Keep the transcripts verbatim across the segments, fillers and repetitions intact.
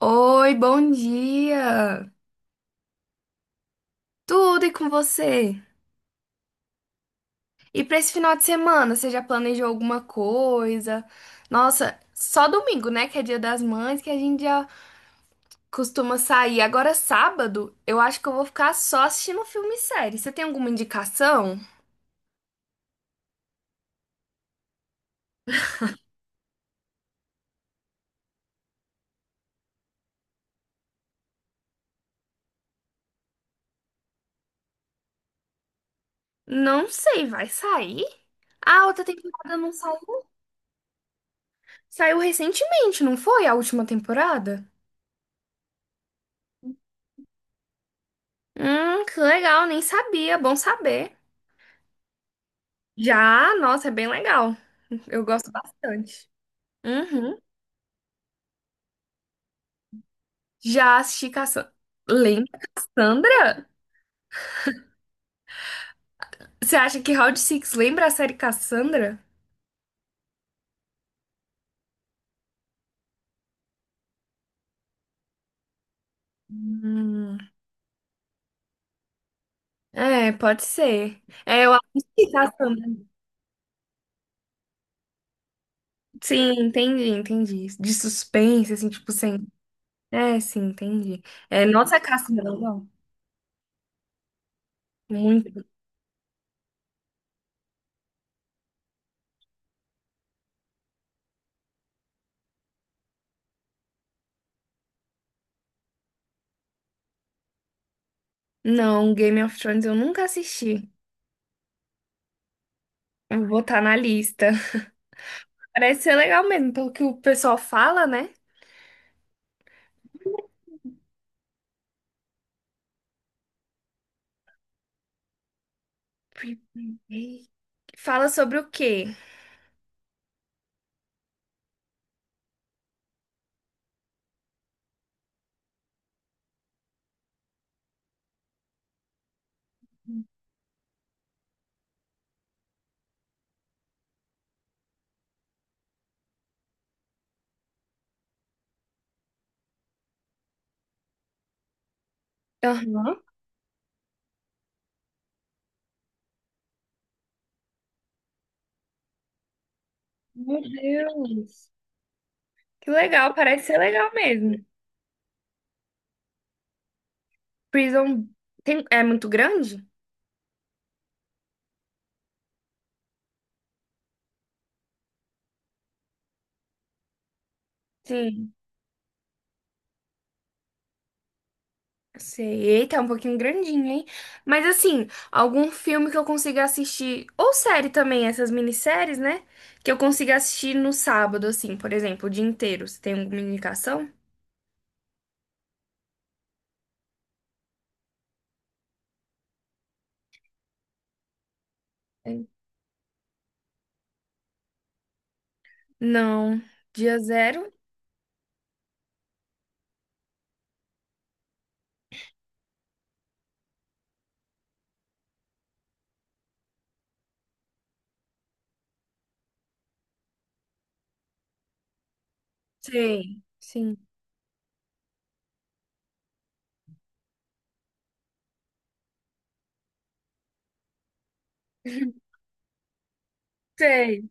Oi, bom dia! Tudo e com você? E pra esse final de semana, você já planejou alguma coisa? Nossa, só domingo, né? Que é Dia das Mães, que a gente já costuma sair. Agora, sábado, eu acho que eu vou ficar só assistindo filme e série. Você tem alguma indicação? Não sei, vai sair? Ah, a outra temporada não saiu? Saiu recentemente, não foi? A última temporada? Hum, que legal, nem sabia, bom saber. Já, nossa, é bem legal. Eu gosto bastante. Uhum. Já assisti Cassandra. Lembra Cassandra? Você acha que Round Six lembra a série Cassandra? Hum, é, pode ser. É, eu assisti Cassandra. Sim, entendi, entendi. De suspense, assim, tipo, sem. É, sim, entendi. É, nossa, Cassandra, não. Muito. Não, Game of Thrones eu nunca assisti. Eu vou botar na lista. Parece ser legal mesmo, pelo que o pessoal fala, né? Fala sobre o quê? Aham. Meu Deus. Que legal, parece ser legal mesmo. Prison tem... é muito grande? Sim, eu sei. Eita, é um pouquinho grandinho, hein? Mas assim, algum filme que eu consiga assistir, ou série também, essas minisséries, né? Que eu consiga assistir no sábado, assim, por exemplo, o dia inteiro. Você tem alguma indicação? Tem. Não. Dia zero? Sei. Sim. Sei.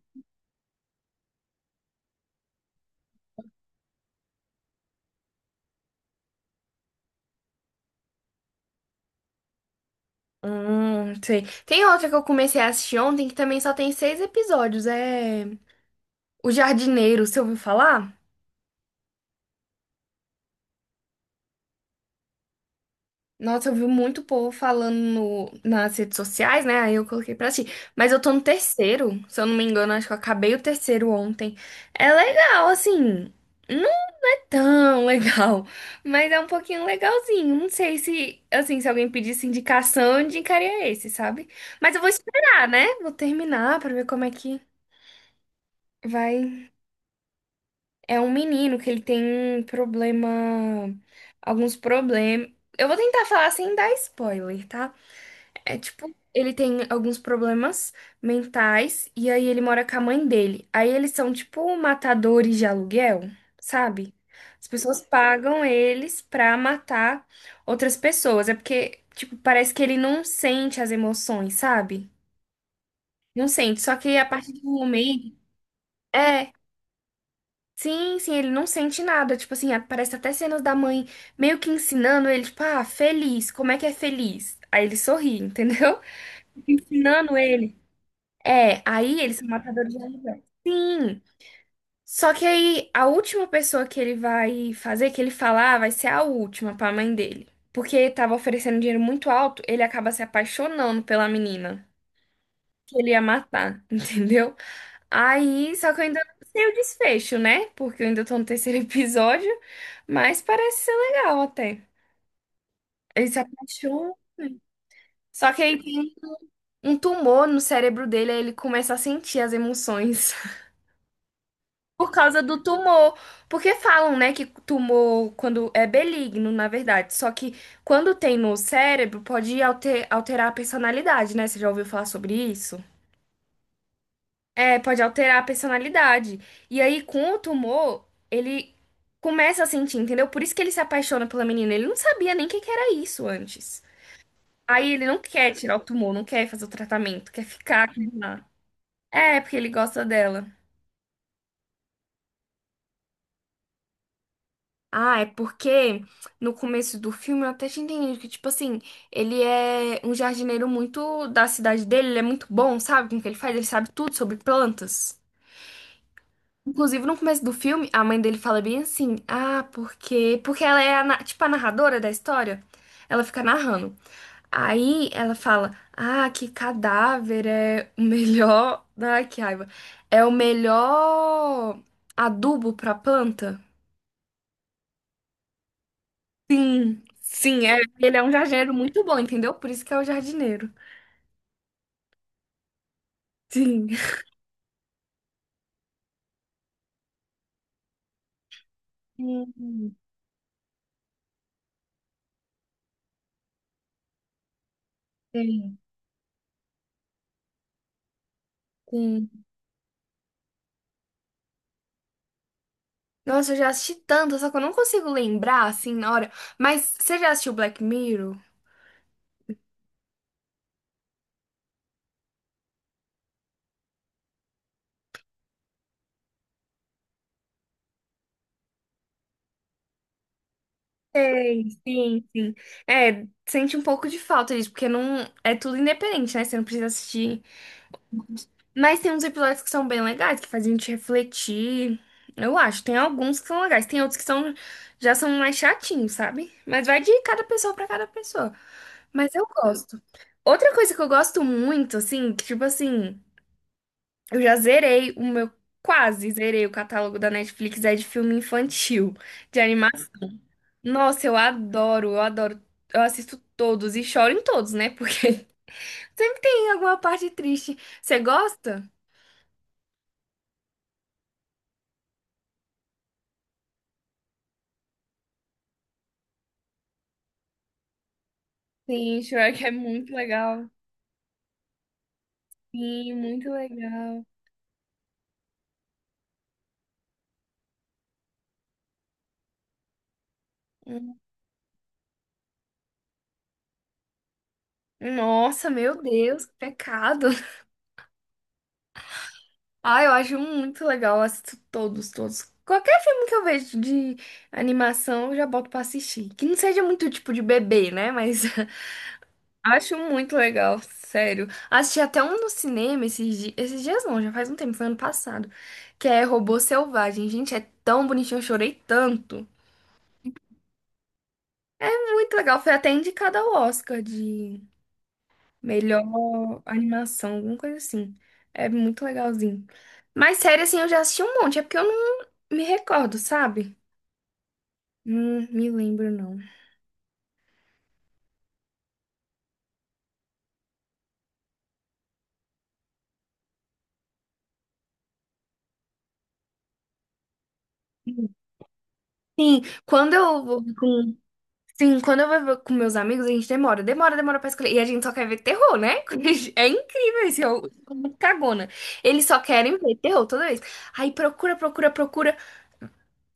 Hum, sei. Tem outra que eu comecei a assistir ontem que também só tem seis episódios. É O Jardineiro, você ouviu falar? Nossa, eu vi muito povo falando no- nas redes sociais, né? Aí eu coloquei pra assistir. Mas eu tô no terceiro, se eu não me engano, acho que eu acabei o terceiro ontem. É legal, assim. Não é tão legal, mas é um pouquinho legalzinho. Não sei se, assim, se alguém pedisse indicação, eu indicaria esse, sabe? Mas eu vou esperar, né? Vou terminar pra ver como é que vai. É um menino que ele tem um problema. Alguns problemas. Eu vou tentar falar sem dar spoiler, tá? É tipo, ele tem alguns problemas mentais e aí ele mora com a mãe dele. Aí eles são tipo matadores de aluguel, sabe? As pessoas pagam eles pra matar outras pessoas. É porque, tipo, parece que ele não sente as emoções, sabe? Não sente. Só que a partir do momento. É. Sim, sim, ele não sente nada. Tipo assim, parece até cenas da mãe meio que ensinando ele, tipo, ah, feliz, como é que é feliz? Aí ele sorri, entendeu? Ensinando ele. É, aí eles são matadores de aluguel. Sim. Só que aí a última pessoa que ele vai fazer, que ele falar, vai ser a última pra mãe dele. Porque tava oferecendo dinheiro muito alto, ele acaba se apaixonando pela menina que ele ia matar, entendeu? Aí, só que eu ainda não sei o desfecho, né? Porque eu ainda tô no terceiro episódio, mas parece ser legal até. Ele se apaixona. Só que aí tem um tumor no cérebro dele, aí ele começa a sentir as emoções. Por causa do tumor. Porque falam, né, que tumor quando é benigno, na verdade. Só que quando tem no cérebro, pode alter- alterar a personalidade, né? Você já ouviu falar sobre isso? É, pode alterar a personalidade. E aí, com o tumor, ele começa a sentir, entendeu? Por isso que ele se apaixona pela menina. Ele não sabia nem o que que era isso antes. Aí ele não quer tirar o tumor, não quer fazer o tratamento, quer ficar com ela. É, porque ele gosta dela. Ah, é porque no começo do filme eu até tinha entendido que, tipo assim, ele é um jardineiro muito da cidade dele, ele é muito bom, sabe? Com o que ele faz, ele sabe tudo sobre plantas. Inclusive, no começo do filme, a mãe dele fala bem assim: ah, porque. Porque ela é, a, na- tipo, a narradora da história. Ela fica narrando. Aí ela fala: ah, que cadáver é o melhor. Ai, que raiva. É o melhor adubo pra planta. Sim, sim, é, ele é um jardineiro muito bom, entendeu? Por isso que é o jardineiro. Sim. Sim, sim, sim. Nossa, eu já assisti tanto, só que eu não consigo lembrar assim na hora. Mas você já assistiu Black Mirror? Sei, sim, sim. É, sente um pouco de falta disso, porque não é tudo independente, né? Você não precisa assistir. Mas tem uns episódios que são bem legais, que fazem a gente refletir. Eu acho, tem alguns que são legais, tem outros que são já são mais chatinhos, sabe? Mas vai de cada pessoa pra cada pessoa. Mas eu gosto. Outra coisa que eu gosto muito, assim, que tipo assim, eu já zerei o meu, quase zerei o catálogo da Netflix, é de filme infantil, de animação. Nossa, eu adoro, eu adoro. Eu assisto todos e choro em todos, né? Porque sempre tem alguma parte triste. Você gosta? Sim, Shrek é muito legal. Sim, muito legal. Hum. Nossa, meu Deus, que pecado. Ah, eu acho muito legal, eu assisto todos, todos. Qualquer filme que eu vejo de animação, eu já boto pra assistir. Que não seja muito tipo de bebê, né? Mas acho muito legal, sério. Assisti até um no cinema esses dias, esses dias não, já faz um tempo, foi ano passado, que é Robô Selvagem. Gente, é tão bonitinho, eu chorei tanto. É muito legal, foi até indicado ao Oscar de melhor animação, alguma coisa assim. É muito legalzinho. Mas sério, assim, eu já assisti um monte. É porque eu não me recordo, sabe? Não me lembro, não. Sim, quando eu vou com... Sim, quando eu vou com meus amigos, a gente demora. Demora, demora pra escolher. E a gente só quer ver terror, né? É incrível isso. Eu sou muito cagona. Eles só querem ver terror toda vez. Aí procura, procura, procura.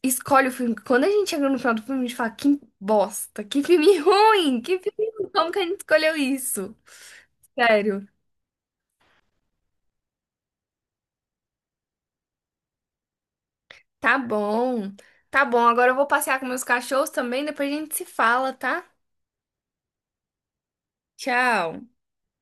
Escolhe o filme. Quando a gente chega no final do filme, a gente fala, que bosta, que filme ruim, que filme ruim, como que a gente escolheu isso? Sério. Tá bom. Tá bom, agora eu vou passear com meus cachorros também, depois a gente se fala, tá? Tchau.